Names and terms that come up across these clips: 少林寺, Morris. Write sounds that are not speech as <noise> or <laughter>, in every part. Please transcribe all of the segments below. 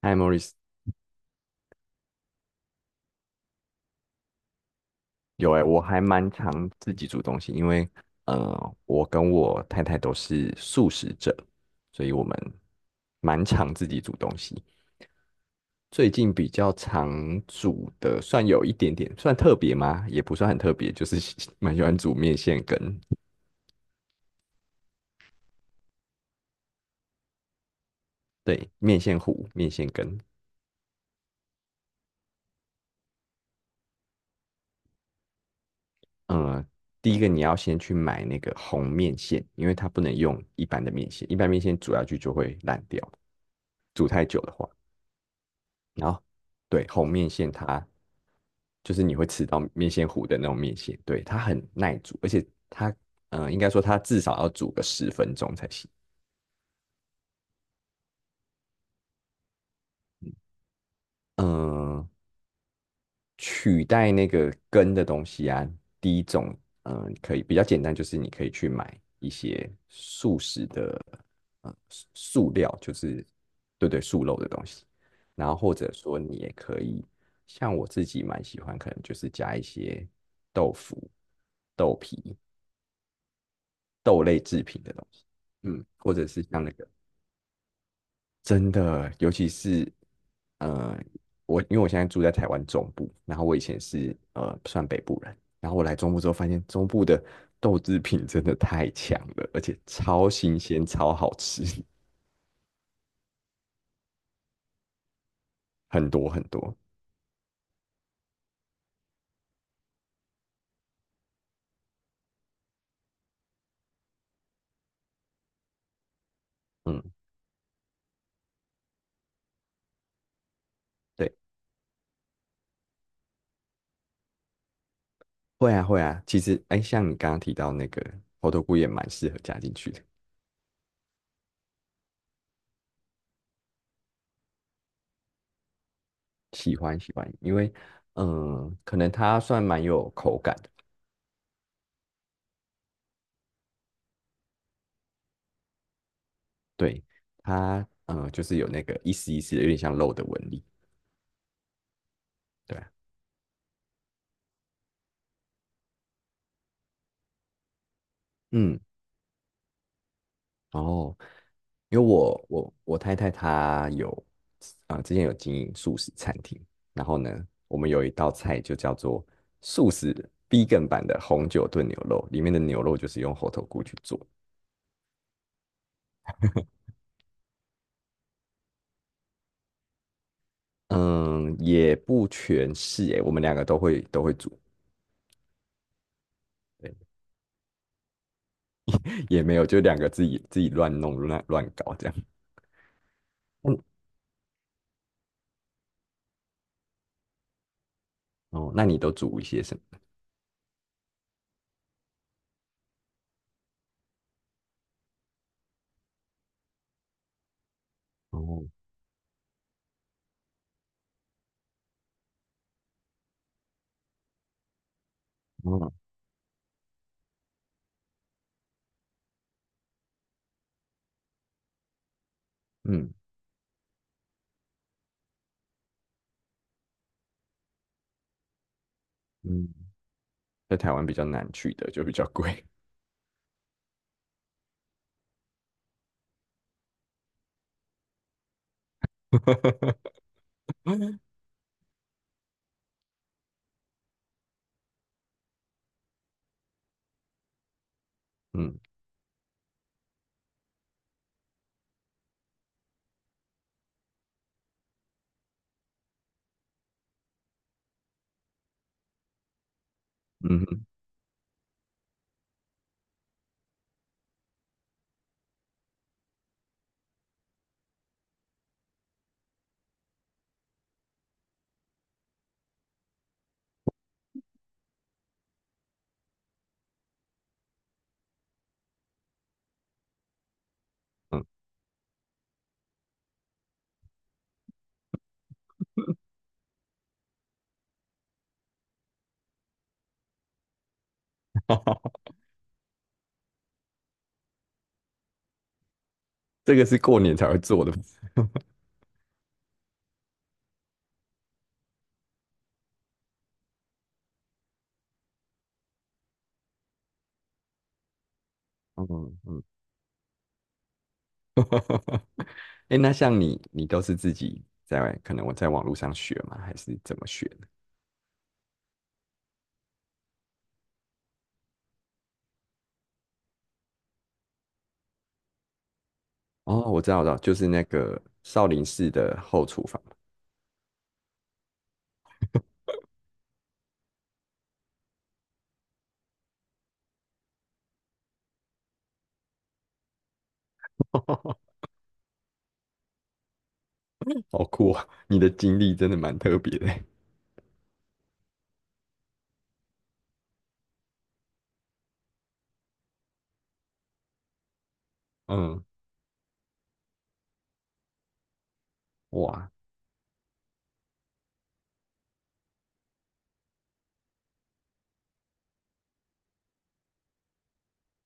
嗨，Morris。有哎、我还蛮常自己煮东西，因为我跟我太太都是素食者，所以我们蛮常自己煮东西。最近比较常煮的，算有一点点，算特别吗？也不算很特别，就是 <laughs> 蛮喜欢煮面线羹。对，面线糊、面线羹。嗯，第一个你要先去买那个红面线，因为它不能用一般的面线，一般面线煮下去就会烂掉，煮太久的话。然后对，红面线它就是你会吃到面线糊的那种面线，对，它很耐煮，而且它，应该说它至少要煮个10分钟才行。嗯，取代那个根的东西啊，第一种，可以比较简单，就是你可以去买一些素食的，素料，就是对对，素肉的东西。然后或者说你也可以，像我自己蛮喜欢，可能就是加一些豆腐、豆皮，豆类制品的东西。嗯，或者是像那个真的，尤其是呃，因为我现在住在台湾中部，然后我以前是算北部人，然后我来中部之后发现中部的豆制品真的太强了，而且超新鲜、超好吃。<laughs> 很多很多，嗯，对，会啊会啊，其实哎，像你刚刚提到那个猴头菇也蛮适合加进去的。喜欢喜欢，因为嗯、可能它算蛮有口感的。对，它就是有那个一丝一丝的，有点像肉的纹理。对啊，嗯，然后因为我太太她之前有经营素食餐厅，然后呢，我们有一道菜就叫做素食 began 版的红酒炖牛肉，里面的牛肉就是用猴头菇去做。嗯，也不全是诶，我们两个都会煮。对，<laughs> 也没有，就两个自己乱弄乱搞这样。嗯，哦，那你都煮一些什么？哦，哦嗯嗯，在台湾比较难去的，就比较贵。<laughs> 嗯嗯哼嗯，<laughs> 这个是过年才会做的。嗯嗯，<laughs> 哎那像你，都是自己在外可能我在网络上学吗？还是怎么学的？哦，我知道，我知道，就是那个少林寺的后厨房。<laughs> 好酷啊！你的经历真的蛮特别的。嗯，哇，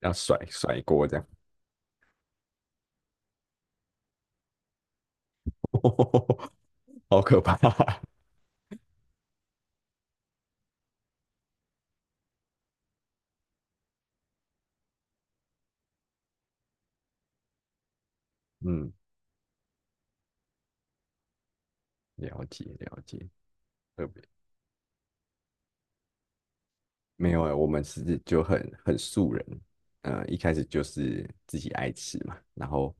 要甩甩锅这样，<laughs> 好可怕。<laughs> 嗯，了解了解，特别。没有哎、我们是就很素人，一开始就是自己爱吃嘛。然后，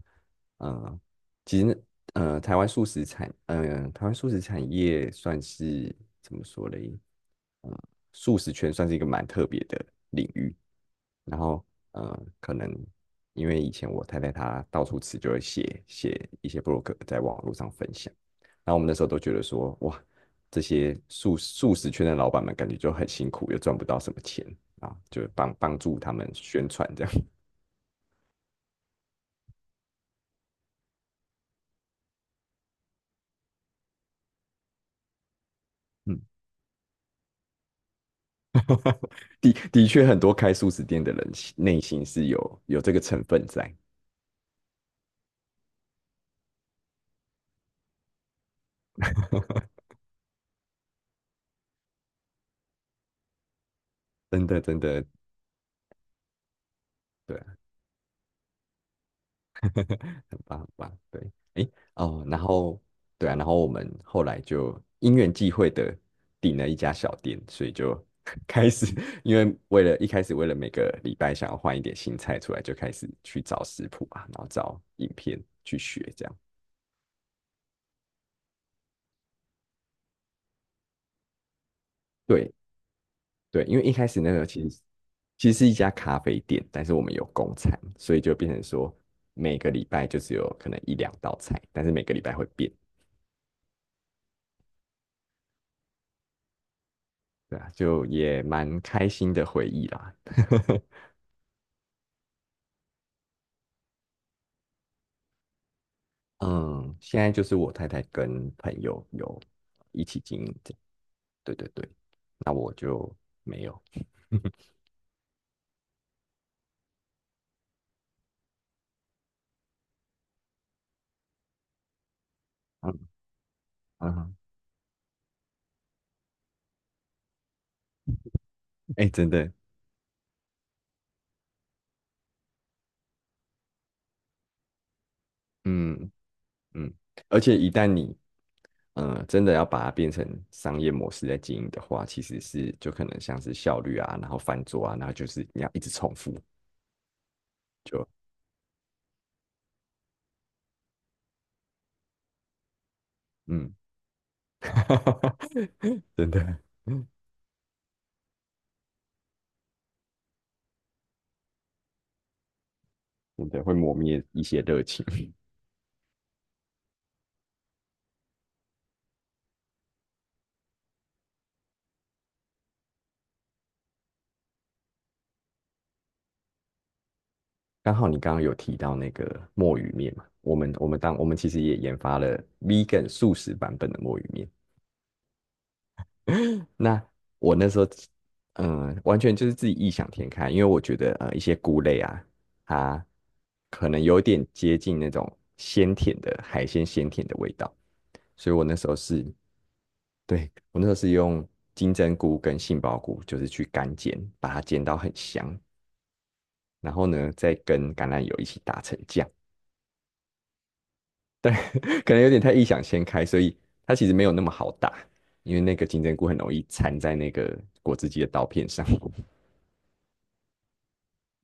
嗯，其实台湾素食产业算是怎么说嘞？呃，素食圈算是一个蛮特别的领域，然后可能因为以前我太太她到处吃，就会写写一些 blog 在网络上分享，然后我们那时候都觉得说，哇，这些素食圈的老板们感觉就很辛苦，又赚不到什么钱啊，就帮助他们宣传这样。嗯，<laughs> 的确，很多开素食店的人内心是有这个成分在。<laughs> 真的真的，对啊，很棒，很棒。对，诶，哦，然后对啊，然后我们后来就因缘际会的订了一家小店，所以就 <laughs> 开始，为了一开始，为了每个礼拜想要换一点新菜出来，就开始去找食谱啊，然后找影片去学这样。对对，因为一开始那个其实是一家咖啡店，但是我们有供餐，所以就变成说每个礼拜就只有可能一两道菜，但是每个礼拜会变。对啊，就也蛮开心的回忆啦。<laughs> 嗯，现在就是我太太跟朋友有一起经营这样，对对对，那我就没有。<laughs> 嗯嗯，哎、真的，嗯嗯，而且一旦你真的要把它变成商业模式在经营的话，其实是就可能像是效率啊，然后翻桌啊，然后就是你要一直重复，就嗯，<laughs> 真的真的会磨灭一些热情。刚好你刚刚有提到那个墨鱼面嘛，我们我们当我们其实也研发了 vegan 素食版本的墨鱼面。<laughs> 那我那时候，完全就是自己异想天开，因为我觉得一些菇类啊，它可能有点接近那种鲜甜的海鲜鲜甜的味道。所以我那时候是，对，我那时候是用金针菇跟杏鲍菇，就是去干煎，把它煎到很香，然后呢再跟橄榄油一起打成酱。<laughs> 可能有点太异想天开，所以它其实没有那么好打，因为那个金针菇很容易缠在那个果汁机的刀片上。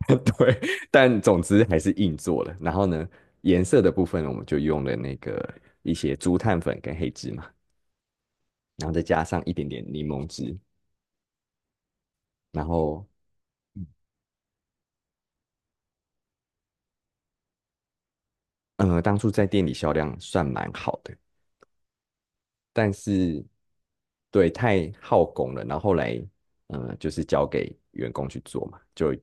<laughs> 对，但总之还是硬做了。然后呢，颜色的部分我们就用了那个一些竹炭粉跟黑芝麻，然后再加上一点点柠檬汁。然后，嗯，当初在店里销量算蛮好的。但是对，太耗工了，然后后来就是交给员工去做嘛，就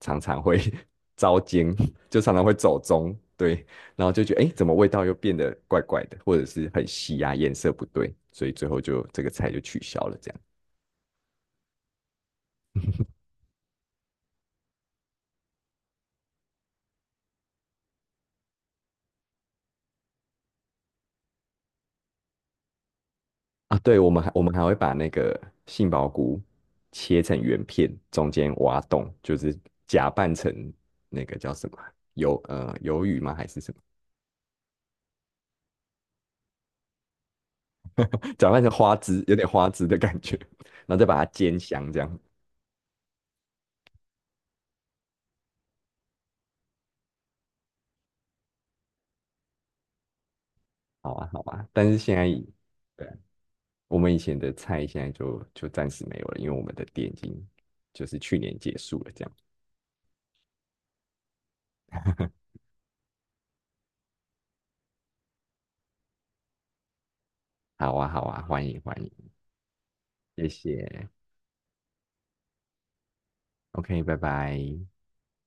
常常会 <laughs> 糟践，就常常会走中。对，然后就觉得哎，诶怎么味道又变得怪怪的，或者是很稀啊，颜色不对，所以最后就这个菜就取消了这样啊。对，我们还会把那个杏鲍菇切成圆片，中间挖洞，就是假扮成那个叫什么啊鱿鱼吗？还是什么？搅拌成花汁，有点花汁的感觉，<laughs> 然后再把它煎香，这样。好啊好啊，但是现在，对啊，我们以前的菜现在就暂时没有了，因为我们的店已经就是去年结束了，这样。好啊好啊，欢迎欢迎，谢谢，OK，拜拜。